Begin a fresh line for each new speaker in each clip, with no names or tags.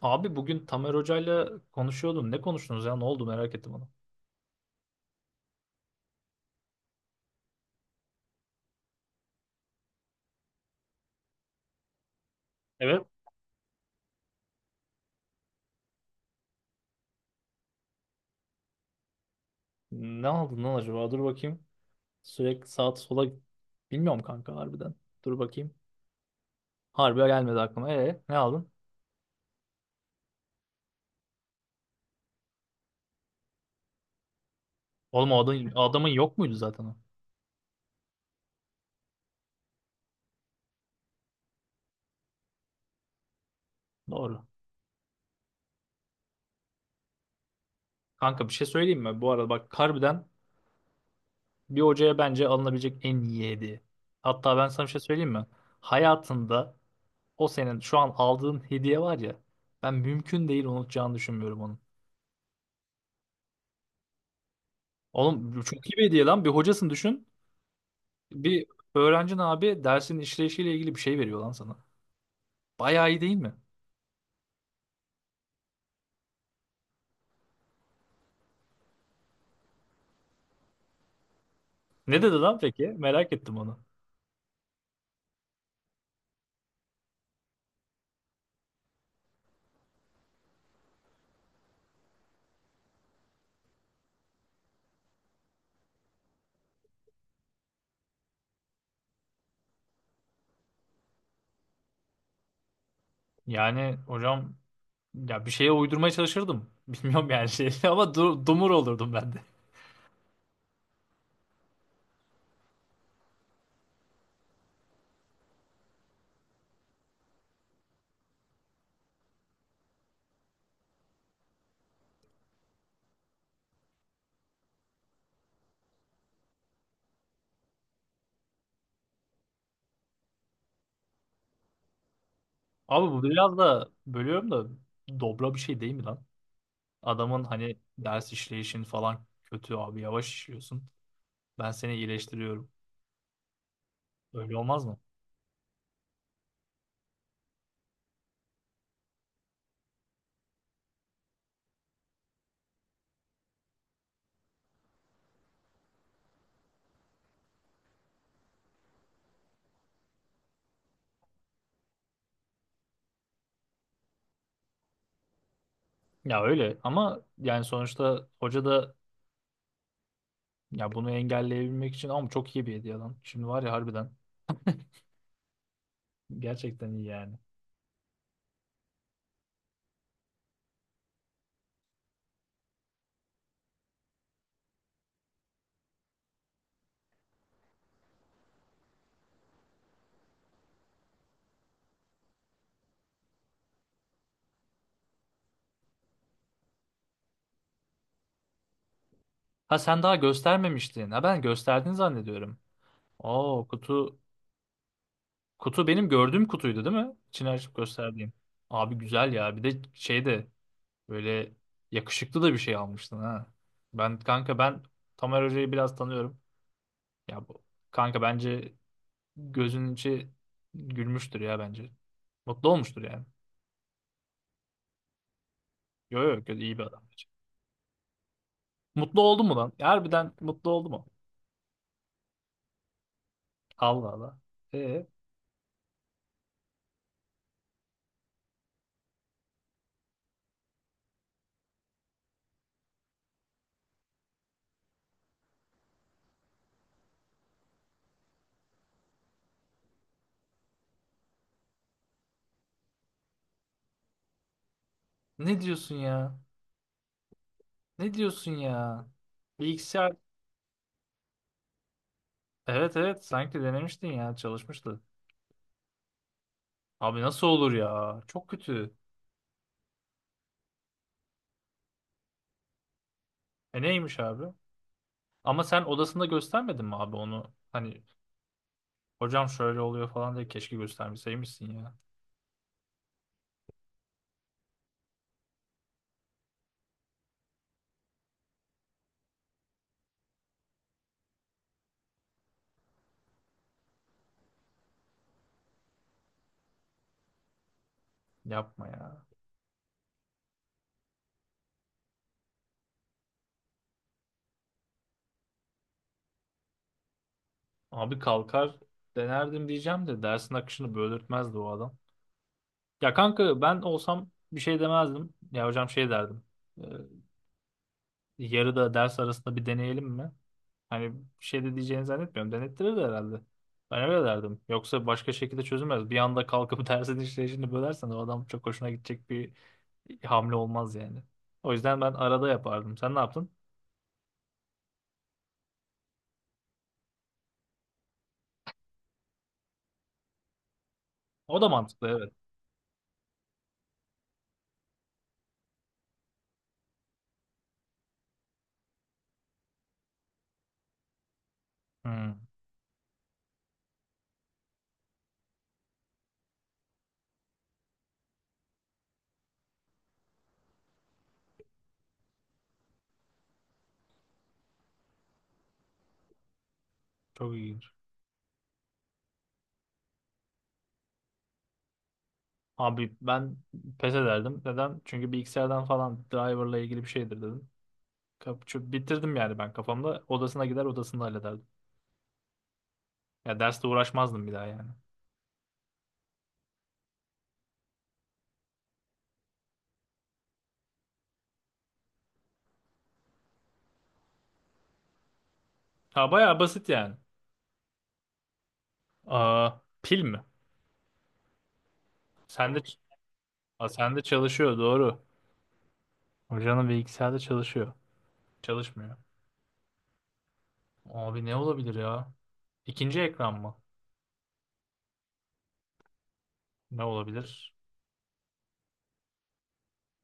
Abi bugün Tamer Hoca'yla konuşuyordum. Ne konuştunuz ya? Ne oldu? Merak ettim onu. Evet. Ne aldın lan acaba? Dur bakayım. Sürekli sağa sola... Bilmiyorum kanka harbiden. Dur bakayım. Harbi gelmedi aklıma. Ne aldın? Oğlum o adam, adamın yok muydu zaten o? Doğru. Kanka bir şey söyleyeyim mi? Bu arada bak harbiden bir hocaya bence alınabilecek en iyi hediye. Hatta ben sana bir şey söyleyeyim mi? Hayatında o senin şu an aldığın hediye var ya. Ben mümkün değil unutacağını düşünmüyorum onun. Oğlum çok iyi bir hediye lan. Bir hocasını düşün. Bir öğrencin abi dersin işleyişiyle ilgili bir şey veriyor lan sana. Bayağı iyi değil mi? Ne dedi lan peki? Merak ettim onu. Yani hocam ya bir şeye uydurmaya çalışırdım. Bilmiyorum yani şey ama dumur olurdum ben de. Abi bu biraz da bölüyorum da dobra bir şey değil mi lan? Adamın hani ders işleyişin falan kötü abi yavaş işliyorsun. Ben seni iyileştiriyorum. Öyle olmaz mı? Ya öyle ama yani sonuçta hoca da ya bunu engelleyebilmek için ama çok iyi bir hediye lan. Şimdi var ya harbiden. Gerçekten iyi yani. Ha sen daha göstermemiştin. Ha ben gösterdin zannediyorum. Oo, kutu benim gördüğüm kutuydu değil mi? İçini açıp gösterdiğim. Abi güzel ya. Bir de şey de böyle yakışıklı da bir şey almıştın ha. Kanka ben Tamer Hoca'yı biraz tanıyorum. Ya bu kanka bence gözünün içi gülmüştür ya bence. Mutlu olmuştur yani. Yo yo yo, iyi bir adam. Bence. Mutlu oldu mu lan? Harbiden mutlu oldu mu? Allah Allah. E Ne diyorsun ya? Ne diyorsun ya? Bilgisayar. Evet evet, sanki denemiştin ya, çalışmıştı. Abi nasıl olur ya? Çok kötü. E neymiş abi? Ama sen odasında göstermedin mi abi onu? Hani hocam şöyle oluyor falan diye keşke göstermeseymişsin ya. Yapma ya. Abi kalkar denerdim diyeceğim de dersin akışını böldürtmezdi o adam. Ya kanka ben olsam bir şey demezdim. Ya hocam şey derdim. "Ee, Yarıda ders arasında bir deneyelim mi? Hani bir şey de diyeceğini zannetmiyorum. Denettirir de herhalde. Ben öyle derdim. Yoksa başka şekilde çözülmez. Bir anda kalkıp dersin işleyişini bölersen o adam çok hoşuna gidecek bir hamle olmaz yani. O yüzden ben arada yapardım. Sen ne yaptın? O da mantıklı, evet. Hmm, çok ilginç. Abi ben pes ederdim. Neden? Çünkü bilgisayardan falan driverla ilgili bir şeydir dedim. Bitirdim yani ben kafamda. Odasına gider odasında hallederdim. Ya derste uğraşmazdım bir daha yani. Ha bayağı basit yani. Aa, pil mi? Sende, ç- Aa, sende çalışıyor doğru. Hocanın bilgisayarda çalışıyor. Çalışmıyor. Abi ne olabilir ya? İkinci ekran mı? Ne olabilir?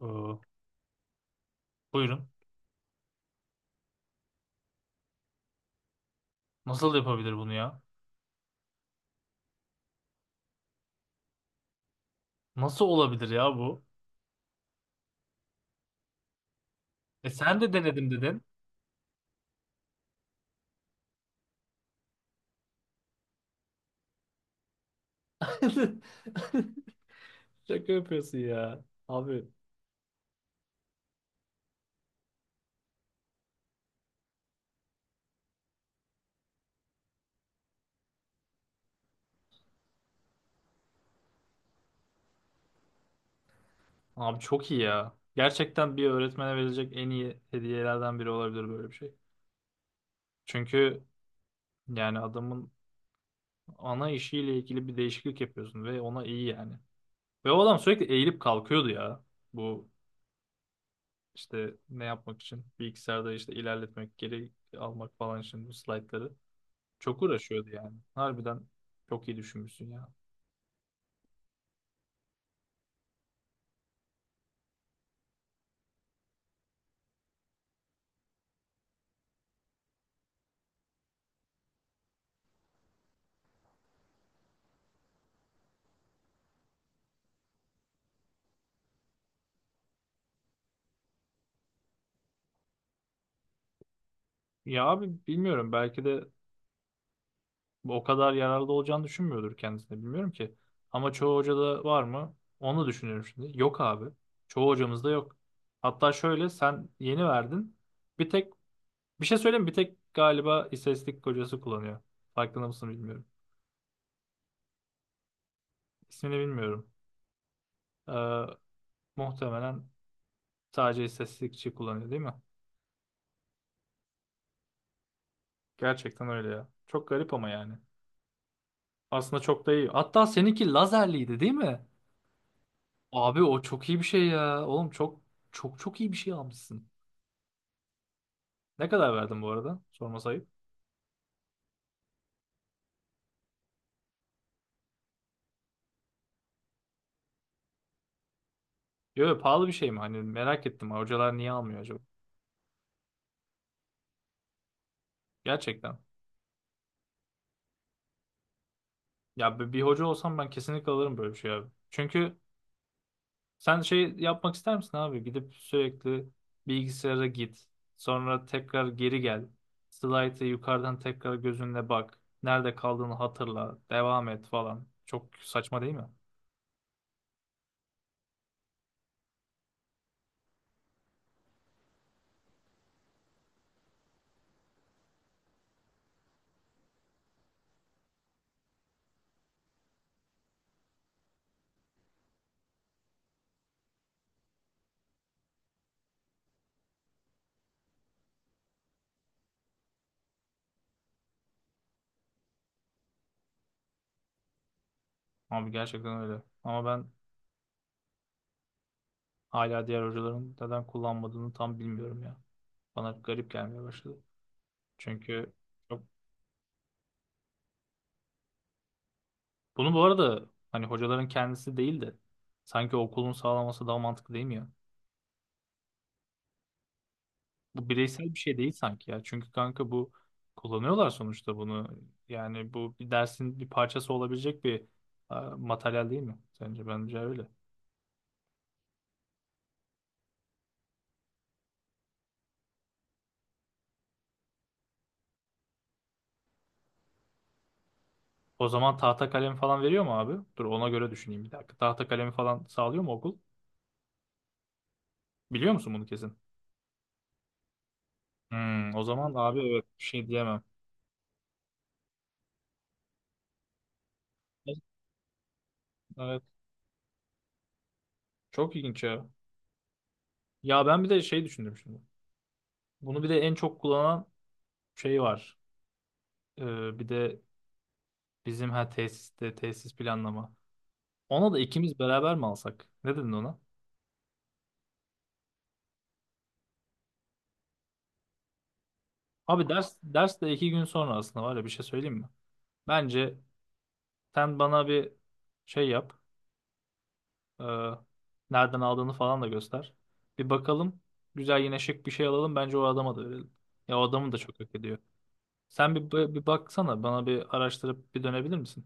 Ee, Buyurun. Nasıl yapabilir bunu ya? Nasıl olabilir ya bu? E sen de denedim dedin. Şaka yapıyorsun ya. Abi. Abi çok iyi ya. Gerçekten bir öğretmene verilecek en iyi hediyelerden biri olabilir böyle bir şey. Çünkü yani adamın ana işiyle ilgili bir değişiklik yapıyorsun ve ona iyi yani. Ve o adam sürekli eğilip kalkıyordu ya. Bu işte ne yapmak için? Bilgisayarda işte ilerletmek, geri almak falan için bu slaytları. Çok uğraşıyordu yani. Harbiden çok iyi düşünmüşsün ya. Ya abi bilmiyorum, belki de o kadar yararlı olacağını düşünmüyordur kendisine, bilmiyorum ki. Ama çoğu hocada var mı? Onu düşünüyorum şimdi. Yok abi. Çoğu hocamızda yok. Hatta şöyle sen yeni verdin. Bir tek bir şey söyleyeyim mi? Bir tek galiba istatistik kocası kullanıyor. Farkında mısın bilmiyorum. İsmini bilmiyorum. Ee, Muhtemelen sadece istatistikçi kullanıyor değil mi? Gerçekten öyle ya. Çok garip ama yani. Aslında çok da iyi. Hatta seninki lazerliydi değil mi? Abi o çok iyi bir şey ya. Oğlum çok çok çok iyi bir şey almışsın. Ne kadar verdin bu arada? Sorması ayıp. Yo, yo, pahalı bir şey mi? Hani merak ettim. Hocalar niye almıyor acaba? Gerçekten. Ya bir hoca olsam ben kesinlikle alırım böyle bir şey abi. Çünkü sen şey yapmak ister misin abi? Gidip sürekli bilgisayara git. Sonra tekrar geri gel. Slide'ı yukarıdan tekrar gözünle bak. Nerede kaldığını hatırla. Devam et falan. Çok saçma değil mi? Abi gerçekten öyle. Ama ben hala diğer hocaların neden kullanmadığını tam bilmiyorum ya. Bana garip gelmeye başladı. Çünkü çok... bunu bu arada hani hocaların kendisi değil de sanki okulun sağlaması daha mantıklı değil mi ya? Bu bireysel bir şey değil sanki ya. Çünkü kanka bu kullanıyorlar sonuçta bunu. Yani bu bir dersin bir parçası olabilecek bir materyal değil mi? Sence bence öyle. O zaman tahta kalem falan veriyor mu abi? Dur ona göre düşüneyim bir dakika. Tahta kalemi falan sağlıyor mu okul? Biliyor musun bunu kesin? Hmm, o zaman abi evet bir şey diyemem. Evet. Çok ilginç ya. Ya ben bir de şey düşündüm şimdi. Bunu bir de en çok kullanan şey var. Bir de bizim ha tesiste tesis planlama. Ona da ikimiz beraber mi alsak? Ne dedin ona? Abi ders ders de iki gün sonra aslında var ya bir şey söyleyeyim mi? Bence sen bana bir şey yap. Ee, Nereden aldığını falan da göster. Bir bakalım. Güzel yine şık bir şey alalım. Bence o adama da verelim. Ya o adamı da çok hak ediyor. Sen bir baksana. Bana bir araştırıp bir dönebilir misin?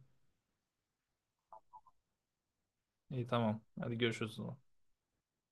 İyi tamam. Hadi görüşürüz o zaman.